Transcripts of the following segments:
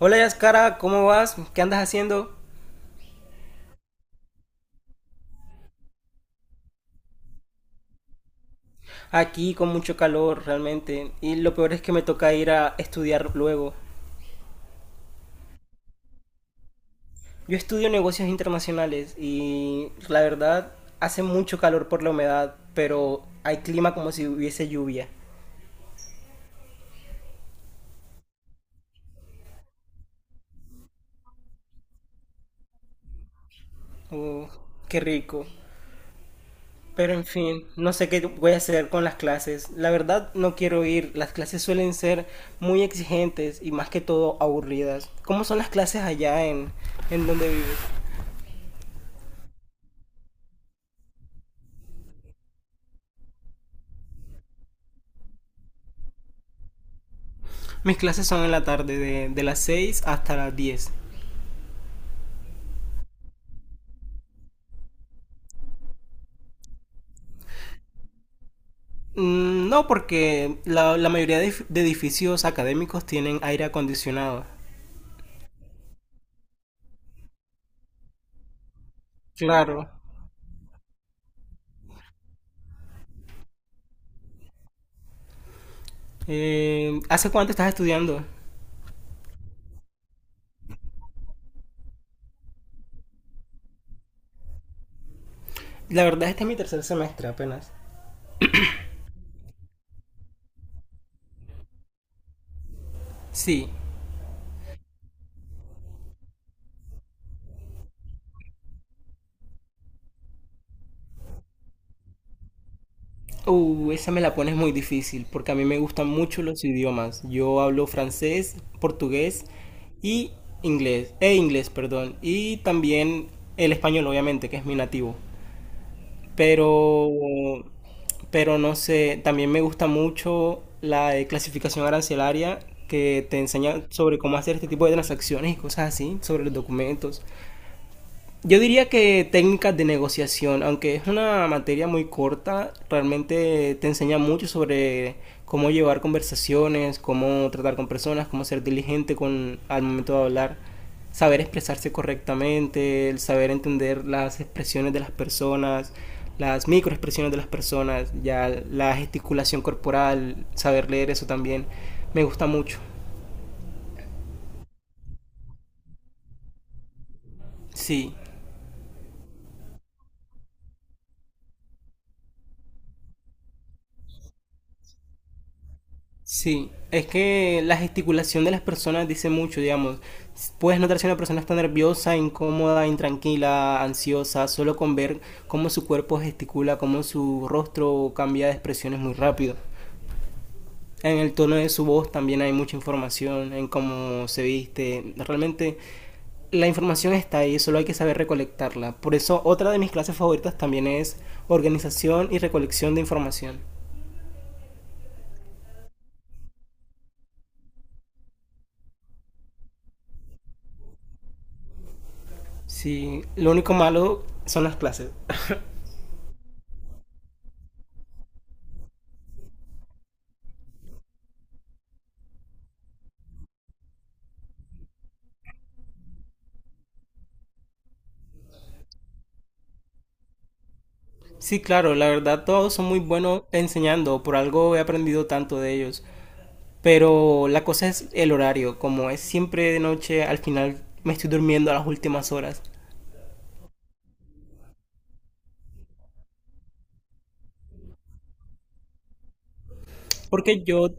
Hola Yaskara, ¿cómo vas? ¿Qué andas haciendo? Aquí con mucho calor realmente y lo peor es que me toca ir a estudiar luego. Yo estudio negocios internacionales y la verdad hace mucho calor por la humedad, pero hay clima como si hubiese lluvia. Uh, Qué rico. Pero en fin, no sé qué voy a hacer con las clases. La verdad no quiero ir. Las clases suelen ser muy exigentes y más que todo aburridas. ¿Cómo son las clases allá en donde vives? Mis clases son en la tarde, de las 6 hasta las diez. No, porque la mayoría de edificios académicos tienen aire acondicionado. Claro. ¿Hace cuánto estás estudiando? La verdad, este es mi tercer semestre apenas. Sí. Esa me la pones muy difícil, porque a mí me gustan mucho los idiomas. Yo hablo francés, portugués y inglés. E inglés, perdón. Y también el español, obviamente, que es mi nativo. Pero, pero no sé, también me gusta mucho la de clasificación arancelaria que te enseña sobre cómo hacer este tipo de transacciones y cosas así, sobre los documentos. Yo diría que técnicas de negociación, aunque es una materia muy corta, realmente te enseña mucho sobre cómo llevar conversaciones, cómo tratar con personas, cómo ser diligente con al momento de hablar, saber expresarse correctamente, el saber entender las expresiones de las personas, las microexpresiones de las personas, ya la gesticulación corporal, saber leer eso también, me gusta mucho. Sí, sí, es que la gesticulación de las personas dice mucho, digamos. Puedes notar si una persona está nerviosa, incómoda, intranquila, ansiosa, solo con ver cómo su cuerpo gesticula, cómo su rostro cambia de expresiones muy rápido. En el tono de su voz también hay mucha información, en cómo se viste. Realmente la información está ahí, solo hay que saber recolectarla. Por eso otra de mis clases favoritas también es organización y recolección de información. Sí, lo único malo son las clases. Sí, claro, la verdad todos son muy buenos enseñando, por algo he aprendido tanto de ellos. Pero la cosa es el horario, como es siempre de noche, al final me estoy durmiendo a las últimas horas. Porque yo,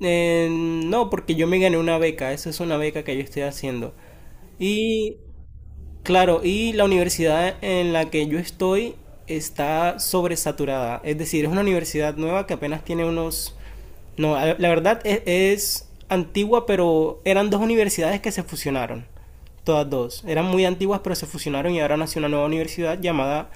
no, porque yo me gané una beca, esa es una beca que yo estoy haciendo. Y Claro, y la universidad en la que yo estoy está sobresaturada. Es decir, es una universidad nueva que apenas tiene unos... No, la verdad es antigua, pero eran dos universidades que se fusionaron. Todas dos. Eran muy antiguas, pero se fusionaron y ahora nació una nueva universidad llamada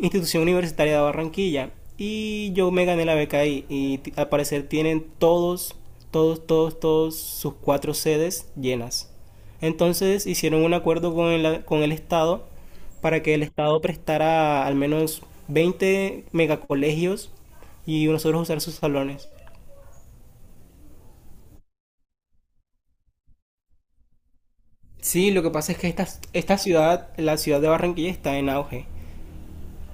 Institución Universitaria de Barranquilla. Y yo me gané la beca ahí. Al parecer tienen todos sus cuatro sedes llenas. Entonces hicieron un acuerdo con el Estado para que el Estado prestara al menos 20 megacolegios y nosotros usar sus salones. Sí, lo que pasa es que esta ciudad, la ciudad de Barranquilla, está en auge.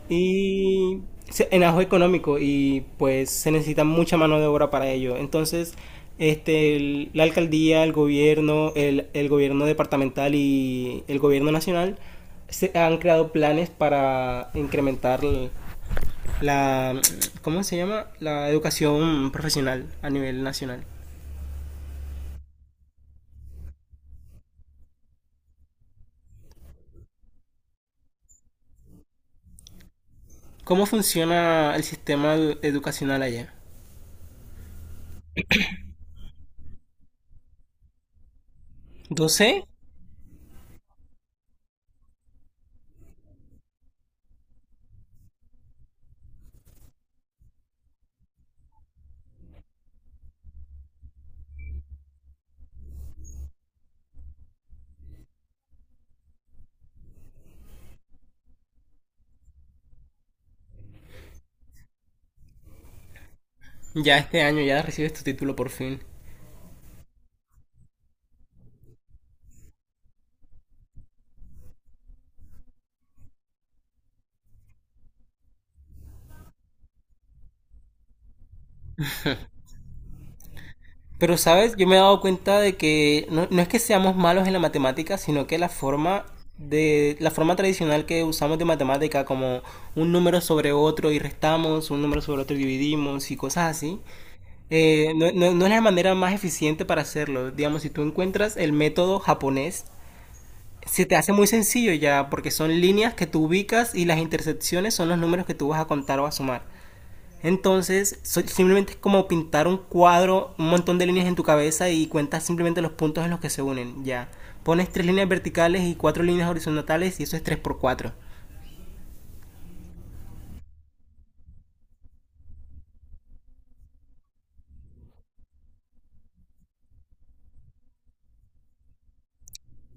Y en auge económico y pues se necesita mucha mano de obra para ello. Entonces, la alcaldía, el gobierno, el gobierno departamental y el gobierno nacional se han creado planes para incrementar la, ¿cómo se llama? La educación profesional a nivel nacional. ¿Cómo funciona el sistema educacional allá? 12. Ya este año ya recibes tu título por fin. Pero, ¿sabes? Yo me he dado cuenta de que no, no es que seamos malos en la matemática, sino que la forma tradicional que usamos de matemática como un número sobre otro y restamos, un número sobre otro y dividimos y cosas así, no es la manera más eficiente para hacerlo. Digamos, si tú encuentras el método japonés se te hace muy sencillo ya, porque son líneas que tú ubicas y las intersecciones son los números que tú vas a contar o a sumar. Entonces, simplemente es como pintar un cuadro, un montón de líneas en tu cabeza y cuentas simplemente los puntos en los que se unen, ya. Pones tres líneas verticales y cuatro líneas horizontales y eso es 3 por cuatro.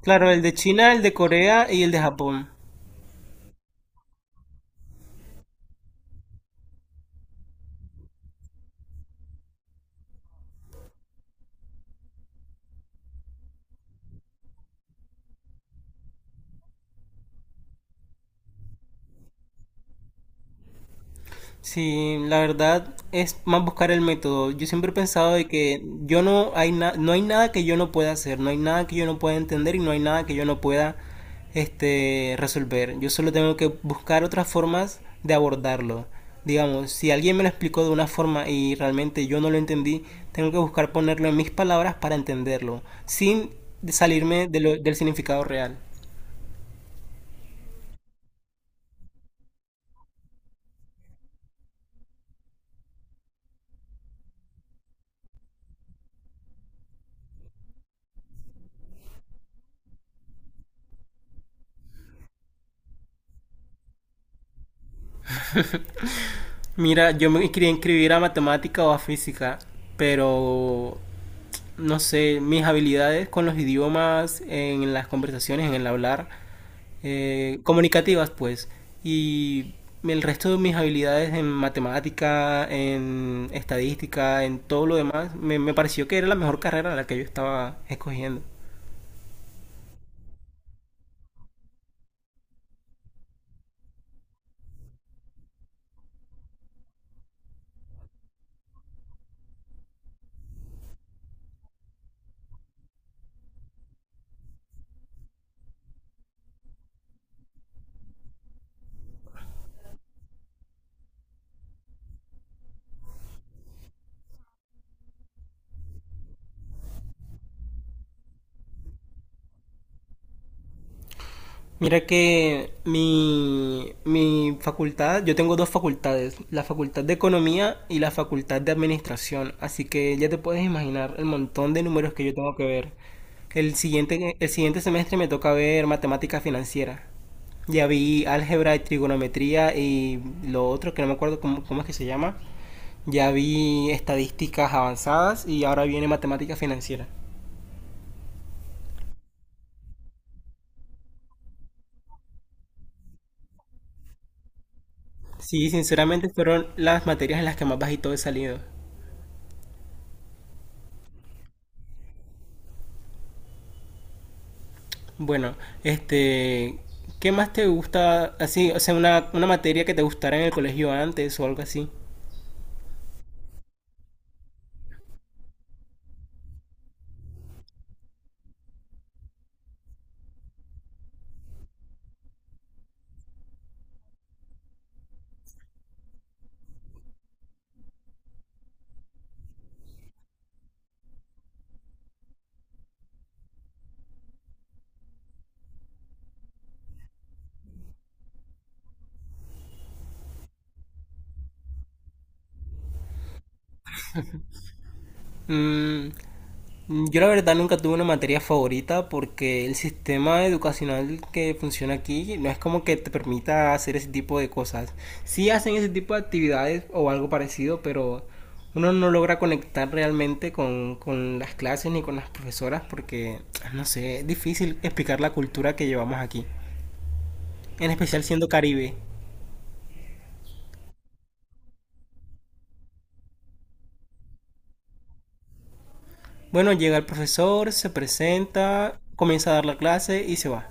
Claro, el de China, el de Corea y el de Japón. Sí, la verdad es más buscar el método. Yo siempre he pensado de que yo no hay nada que yo no pueda hacer, no hay nada que yo no pueda entender y no hay nada que yo no pueda resolver. Yo solo tengo que buscar otras formas de abordarlo. Digamos, si alguien me lo explicó de una forma y realmente yo no lo entendí, tengo que buscar ponerlo en mis palabras para entenderlo, sin salirme del significado real. Mira, yo me quería inscribir a matemática o a física, pero no sé, mis habilidades con los idiomas, en las conversaciones, en el hablar, comunicativas, pues. Y el resto de mis habilidades en matemática, en estadística, en todo lo demás, me pareció que era la mejor carrera la que yo estaba escogiendo. Mira que mi facultad, yo tengo dos facultades, la facultad de economía y la facultad de administración, así que ya te puedes imaginar el montón de números que yo tengo que ver. El siguiente semestre me toca ver matemática financiera. Ya vi álgebra y trigonometría y lo otro que no me acuerdo cómo es que se llama. Ya vi estadísticas avanzadas y ahora viene matemática financiera. Sí, sinceramente fueron las materias en las que más bajito he salido. Bueno, este, ¿qué más te gusta así? O sea, una materia que te gustara en el colegio antes o algo así. Mm, yo la verdad nunca tuve una materia favorita porque el sistema educacional que funciona aquí no es como que te permita hacer ese tipo de cosas. Sí hacen ese tipo de actividades o algo parecido, pero uno no logra conectar realmente con las clases ni con las profesoras porque, no sé, es difícil explicar la cultura que llevamos aquí, en especial siendo Caribe. Bueno, llega el profesor, se presenta, comienza a dar la clase y se va.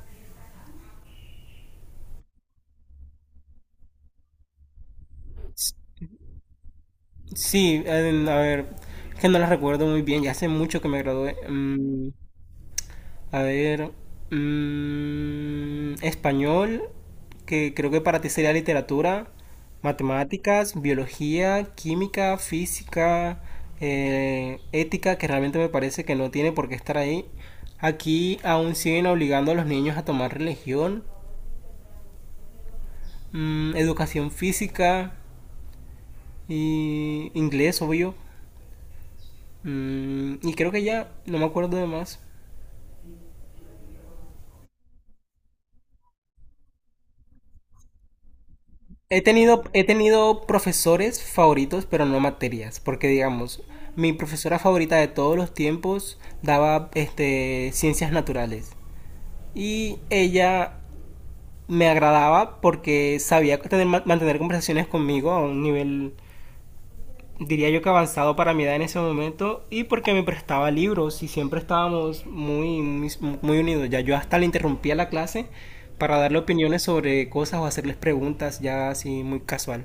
Sí, a ver, es que no la recuerdo muy bien, ya hace mucho que me gradué. A ver, español, que creo que para ti sería literatura, matemáticas, biología, química, física, ética, que realmente me parece que no tiene por qué estar ahí. Aquí aún siguen obligando a los niños a tomar religión, educación física. Y inglés, obvio. Y creo que ya, no me acuerdo de más. He tenido profesores favoritos, pero no materias, porque digamos, mi profesora favorita de todos los tiempos daba ciencias naturales. Y ella me agradaba porque sabía mantener conversaciones conmigo a un nivel diría yo que avanzado para mi edad en ese momento y porque me prestaba libros y siempre estábamos muy, muy, muy unidos. Ya yo hasta le interrumpía la clase para darle opiniones sobre cosas o hacerles preguntas ya así muy casual.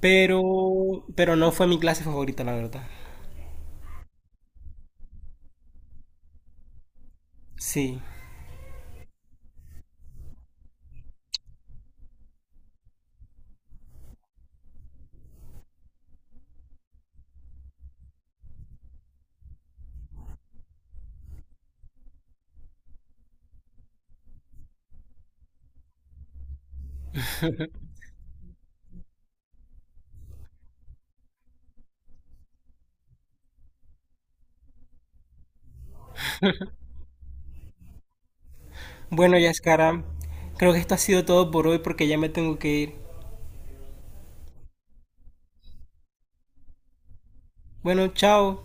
Pero, pero no fue mi clase favorita, la verdad. Sí. Bueno, Yaskara, creo que esto ha sido todo por hoy porque ya me tengo que ir. Bueno, chao.